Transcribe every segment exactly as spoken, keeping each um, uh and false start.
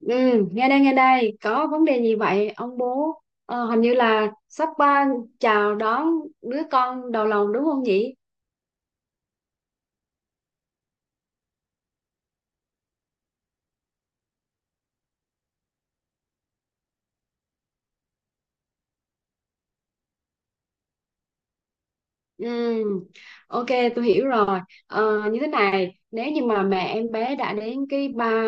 Ừ, nghe đây nghe đây, có vấn đề gì vậy ông bố? Ờ, hình như là sắp ba chào đón đứa con đầu lòng đúng không nhỉ? Ừ, ok, tôi hiểu rồi. Ờ, như thế này, nếu như mà mẹ em bé đã đến cái ba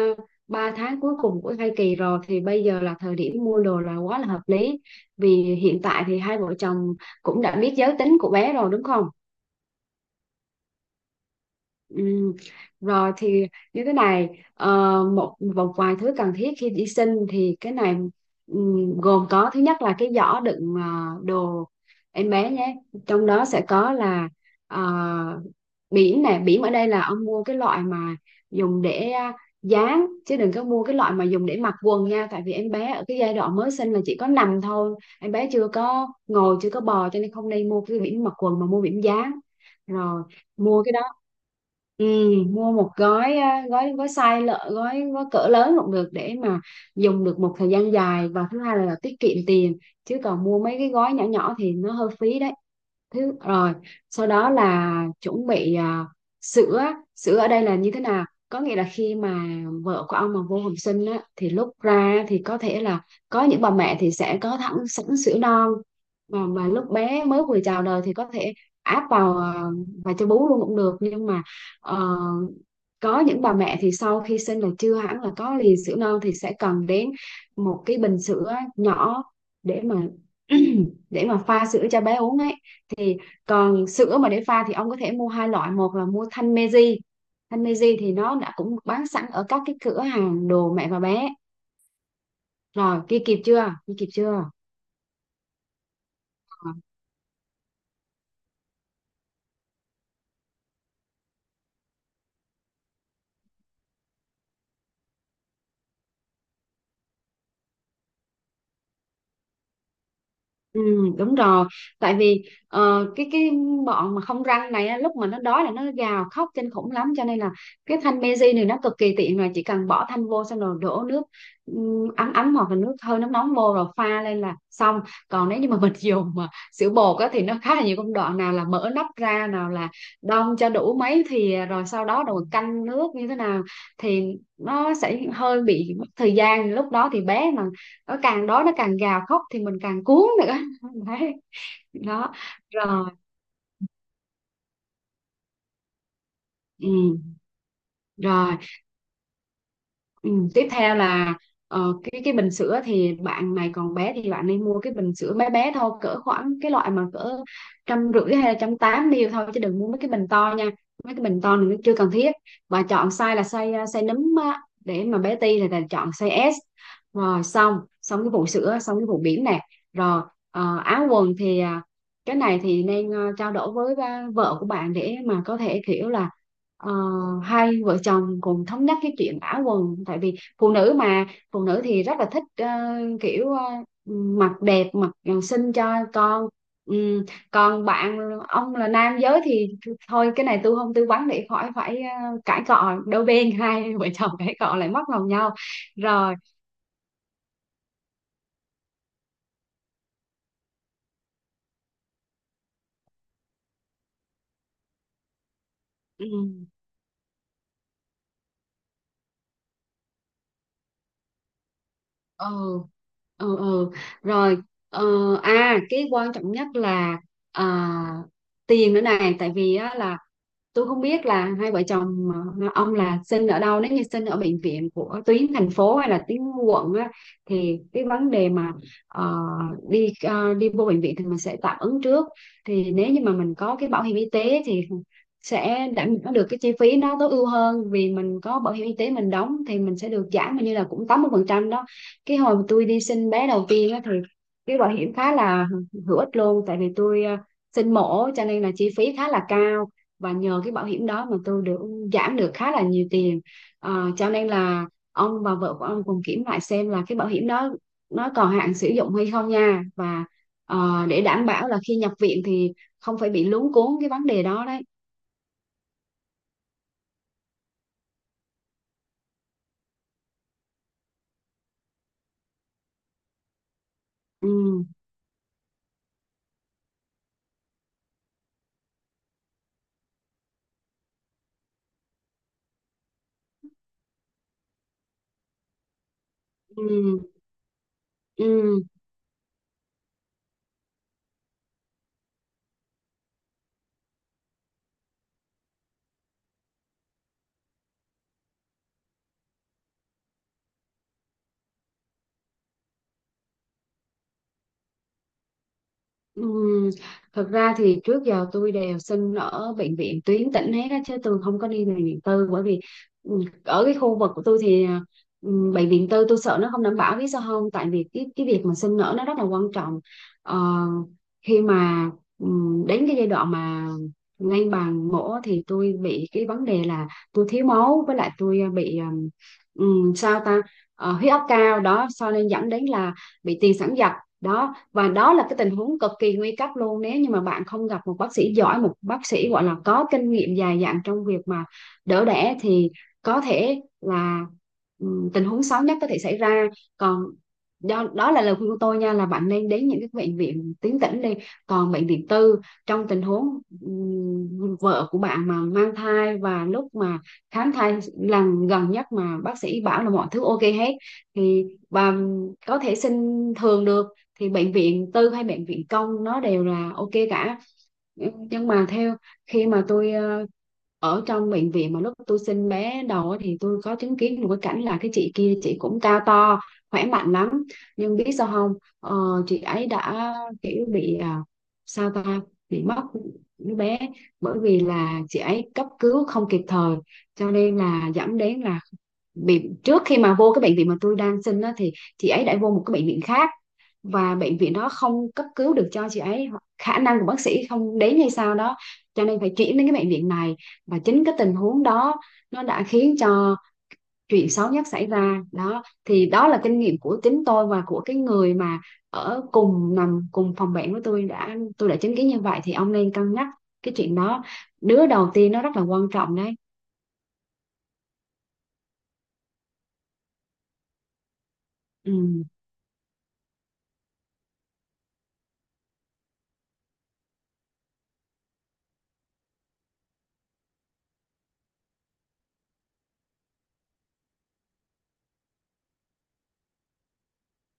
ba tháng cuối cùng của thai kỳ rồi thì bây giờ là thời điểm mua đồ là quá là hợp lý, vì hiện tại thì hai vợ chồng cũng đã biết giới tính của bé rồi đúng không? Ừ. Rồi thì như thế này, ờ, một một vài thứ cần thiết khi đi sinh thì cái này ừm, gồm có: thứ nhất là cái giỏ đựng ờ, đồ em bé nhé. Trong đó sẽ có là ờ, bỉm nè, bỉm ở đây là ông mua cái loại mà dùng để à, dán, chứ đừng có mua cái loại mà dùng để mặc quần nha, tại vì em bé ở cái giai đoạn mới sinh là chỉ có nằm thôi, em bé chưa có ngồi chưa có bò, cho nên không nên mua cái bỉm mặc quần mà mua bỉm dán. Rồi mua cái. Ừ, mua một gói, à, gói gói size lợ, gói gói cỡ lớn cũng được, để mà dùng được một thời gian dài, và thứ hai là tiết kiệm tiền, chứ còn mua mấy cái gói nhỏ nhỏ thì nó hơi phí đấy. Thứ rồi, sau đó là chuẩn bị à, sữa. Sữa ở đây là như thế nào, có nghĩa là khi mà vợ của ông mà vô học sinh á, thì lúc ra thì có thể là có những bà mẹ thì sẽ có thẳng sẵn sữa non, mà mà lúc bé mới vừa chào đời thì có thể áp vào à, và cho bú luôn cũng được. Nhưng mà ờ, có những bà mẹ thì sau khi sinh là chưa hẳn là có liền sữa non, thì sẽ cần đến một cái bình sữa nhỏ để mà để mà pha sữa cho bé uống ấy. Thì còn sữa mà để pha thì ông có thể mua hai loại: một là mua thanh Meiji. Thanh Meiji thì nó đã cũng bán sẵn ở các cái cửa hàng đồ mẹ và bé rồi. Kia kịp chưa kia kịp chưa Ừ, đúng rồi, tại vì ờ, cái cái bọn mà không răng này á, lúc mà nó đói là nó gào khóc kinh khủng lắm, cho nên là cái thanh Meiji này nó cực kỳ tiện, là chỉ cần bỏ thanh vô xong rồi đổ nước ừm, ấm ấm hoặc là nước hơi nóng nóng vô rồi pha lên là xong. Còn nếu như mà mình dùng mà sữa bột á, thì nó khá là nhiều công đoạn: nào là mở nắp ra, nào là đong cho đủ mấy thì, rồi sau đó rồi canh nước như thế nào, thì nó sẽ hơi bị mất thời gian, lúc đó thì bé mà nó càng đói, nó càng gào khóc thì mình càng cuốn nữa đấy. Đó. Rồi. Ừ. Rồi. Ừ, tiếp theo là ờ, cái cái bình sữa thì bạn này còn bé thì bạn nên mua cái bình sữa bé bé thôi, cỡ khoảng cái loại mà cỡ trăm rưỡi hay là trăm tám ml thôi, chứ đừng mua mấy cái bình to nha, mấy cái bình to này nó chưa cần thiết. Và chọn size là size ờ, size nấm á, để mà bé ti thì là chọn size ét. Rồi, xong xong cái vụ sữa, xong cái vụ bỉm nè. Rồi. Ờ, áo quần thì à, cái này thì nên ờ, trao đổi với ba- vợ của bạn để mà có thể kiểu là, Ờ, hai vợ chồng cùng thống nhất cái chuyện ả quần, tại vì phụ nữ mà, phụ nữ thì rất là thích ờ, kiểu ờ, mặc đẹp, mặc ờ, xinh cho con. Ừm, Còn bạn, ông là nam giới thì thôi, cái này tôi không tư vấn để khỏi phải ờ, cãi cọ đôi bên, hai vợ chồng cãi cọ lại mất lòng nhau. Rồi. ừm, ừ, ừ, ừ. Rồi. ờ, À, cái quan trọng nhất là à, tiền nữa này, tại vì á, là tôi không biết là hai vợ chồng, ờ, ông là sinh ở đâu. Nếu như sinh ở bệnh viện của tuyến thành phố hay là tuyến quận á, thì cái vấn đề mà ờ, đi ờ, đi vô bệnh viện thì mình sẽ tạm ứng trước. Thì nếu như mà mình có cái bảo hiểm y tế thì sẽ đảm bảo được cái chi phí nó tối ưu hơn, vì mình có bảo hiểm y tế mình đóng thì mình sẽ được giảm hình như là cũng tám mươi phần trăm đó. Cái hồi mà tôi đi sinh bé đầu tiên á, thì cái bảo hiểm khá là hữu ích luôn, tại vì tôi ờ, sinh mổ cho nên là chi phí khá là cao, và nhờ cái bảo hiểm đó mà tôi được giảm được khá là nhiều tiền. Ờ, cho nên là ông và vợ của ông cùng kiểm lại xem là cái bảo hiểm đó nó còn hạn sử dụng hay không nha, và ờ, để đảm bảo là khi nhập viện thì không phải bị luống cuống cái vấn đề đó đấy. Ừ, ừ, ừ. Ừm, Thật ra thì trước giờ tôi đều xin ở bệnh viện tuyến tỉnh hết á, chứ tôi không có đi bệnh viện tư, bởi vì ừm, ở cái khu vực của tôi thì à, ừm, bệnh viện tư tôi sợ nó không đảm bảo, biết sao không, tại vì cái cái việc mà sinh nở nó rất là quan trọng. Ờ, Khi mà ừm, đến cái giai đoạn mà ngay bằng mổ thì tôi bị cái vấn đề là tôi thiếu máu, với lại tôi à, bị ừm, ừm, sao ta, Ờ, huyết áp cao đó, cho nên dẫn đến là bị tiền sản giật đó. Và đó là cái tình huống cực kỳ nguy cấp luôn, nếu như mà bạn không gặp một bác sĩ giỏi, một bác sĩ gọi là có kinh nghiệm dài dặn trong việc mà đỡ đẻ, thì có thể là ừm, tình huống xấu nhất có thể xảy ra. Còn, do đó là lời khuyên của tôi nha, là bạn nên đến những cái bệnh viện tuyến tỉnh đi. Còn bệnh viện tư, trong tình huống ừm, vợ của bạn mà mang thai và lúc mà khám thai lần gần nhất mà bác sĩ bảo là mọi thứ ok hết, thì bà có thể xin thường được, thì bệnh viện tư hay bệnh viện công nó đều là ok cả. Ừ, nhưng mà theo, khi mà tôi ờ, ở trong bệnh viện mà lúc tôi sinh bé đầu á, thì tôi có chứng kiến một cái cảnh là: cái chị kia, chị cũng cao to khỏe mạnh lắm, nhưng biết sao không, ờ, chị ấy đã kiểu bị à, sao ta, bị mất đứa bé, bởi vì là chị ấy cấp cứu không kịp thời, cho nên là dẫn đến là bị, trước khi mà vô cái bệnh viện mà tôi đang sinh á, thì chị ấy đã vô một cái bệnh viện khác, và bệnh viện đó không cấp cứu được cho chị ấy, khả năng của bác sĩ không đến hay sao đó, cho nên phải chuyển đến cái bệnh viện này, và chính cái tình huống đó nó đã khiến cho chuyện xấu nhất xảy ra đó. Thì đó là kinh nghiệm của chính tôi và của cái người mà ở cùng nằm cùng phòng bệnh với tôi, đã tôi đã chứng kiến như vậy, thì ông nên cân nhắc cái chuyện đó. Đứa đầu tiên nó rất là quan trọng đấy. Ừ.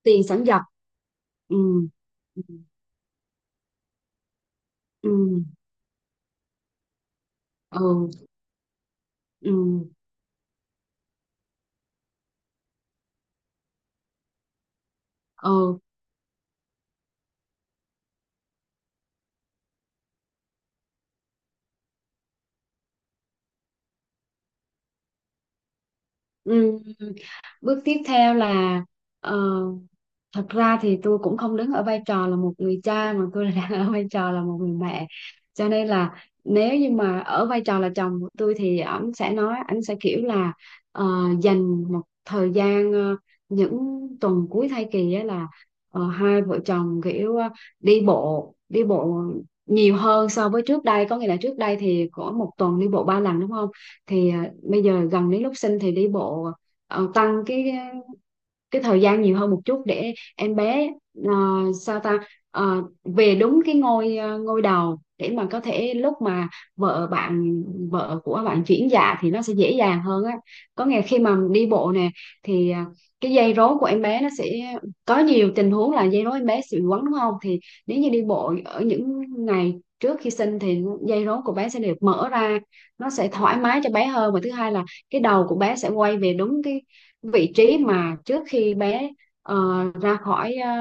Tiền sản giật. Ừ. Ừ. Ừ, ừ, ừ, ừ, ừ. Bước tiếp theo là, ờ, thật ra thì tôi cũng không đứng ở vai trò là một người cha mà tôi là đang ở vai trò là một người mẹ, cho nên là nếu như mà ở vai trò là chồng của tôi thì ảnh sẽ nói, ảnh sẽ kiểu là ờ, dành một thời gian, ờ, những tuần cuối thai kỳ á, là ờ, hai vợ chồng kiểu ờ, đi bộ đi bộ nhiều hơn so với trước đây, có nghĩa là trước đây thì có một tuần đi bộ ba lần đúng không, thì ờ, bây giờ gần đến lúc sinh thì đi bộ, ờ, tăng cái cái thời gian nhiều hơn một chút, để em bé ờ, sao ta, ờ, về đúng cái ngôi ờ, ngôi đầu, để mà có thể lúc mà vợ bạn vợ của bạn chuyển dạ thì nó sẽ dễ dàng hơn á. Có ngày khi mà đi bộ nè, thì ờ, cái dây rốn của em bé nó sẽ, có nhiều tình huống là dây rốn em bé sẽ bị quấn đúng không, thì nếu như đi bộ ở những ngày trước khi sinh thì dây rốn của bé sẽ được mở ra, nó sẽ thoải mái cho bé hơn. Và thứ hai là cái đầu của bé sẽ quay về đúng cái vị trí mà trước khi bé ờ, ra khỏi ờ,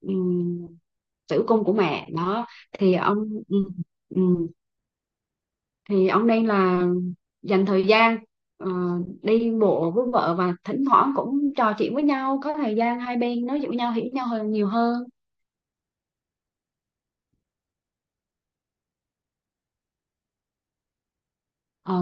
ừm, tử cung của mẹ đó. Thì ông ừm, ừm, thì ông nên là dành thời gian ờ, đi bộ với vợ, và thỉnh thoảng cũng trò chuyện với nhau, có thời gian hai bên nói chuyện với nhau hiểu nhau hơn, nhiều hơn. Ờ.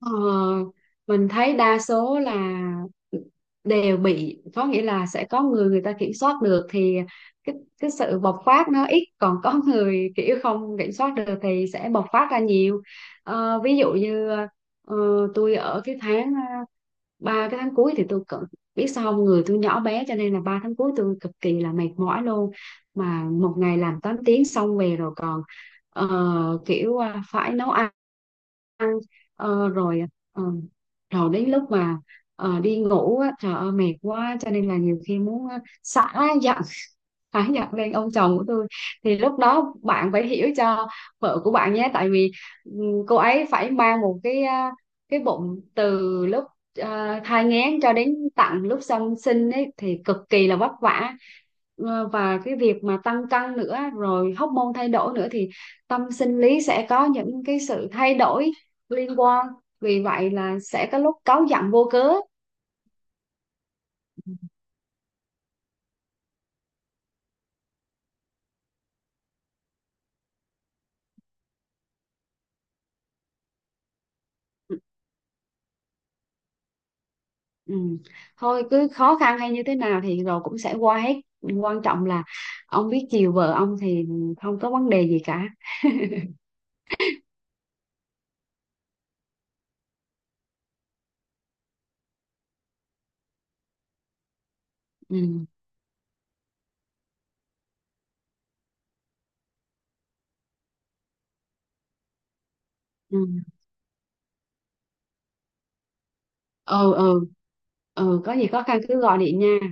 Ờ, mình thấy đa số là đều bị, có nghĩa là sẽ có người người ta kiểm soát được thì cái cái sự bộc phát nó ít, còn có người kiểu không kiểm soát được thì sẽ bộc phát ra nhiều. Ờ, ví dụ như ờ, tôi ở cái tháng, ờ, ba cái tháng cuối thì tôi cận, biết sao không, người tôi nhỏ bé cho nên là ba tháng cuối tôi cực kỳ là mệt mỏi luôn, mà một ngày làm tám tiếng, xong về rồi còn ờ, kiểu ờ, phải nấu ăn. Ờ, Rồi ờ, rồi đến lúc mà ờ, đi ngủ á, trời ơi mệt quá, cho nên là nhiều khi muốn uh, xả khá nhận lên ông chồng của tôi. Thì lúc đó bạn phải hiểu cho vợ của bạn nhé, tại vì ừ, cô ấy phải mang một cái, à, cái bụng từ lúc à, thai nghén cho đến tận lúc song sinh ấy thì cực kỳ là vất vả. Ờ, và cái việc mà tăng cân nữa, rồi hóc môn thay đổi nữa, thì tâm sinh lý sẽ có những cái sự thay đổi liên quan, vì vậy là sẽ có lúc cáu giận vô cớ. Ừ. Thôi, cứ khó khăn hay như thế nào thì rồi cũng sẽ qua hết, quan trọng là ông biết chiều vợ ông thì không có vấn đề gì cả. Ừ, ừ, ừ. Ừ, ừ, có gì khó khăn cứ gọi điện nha.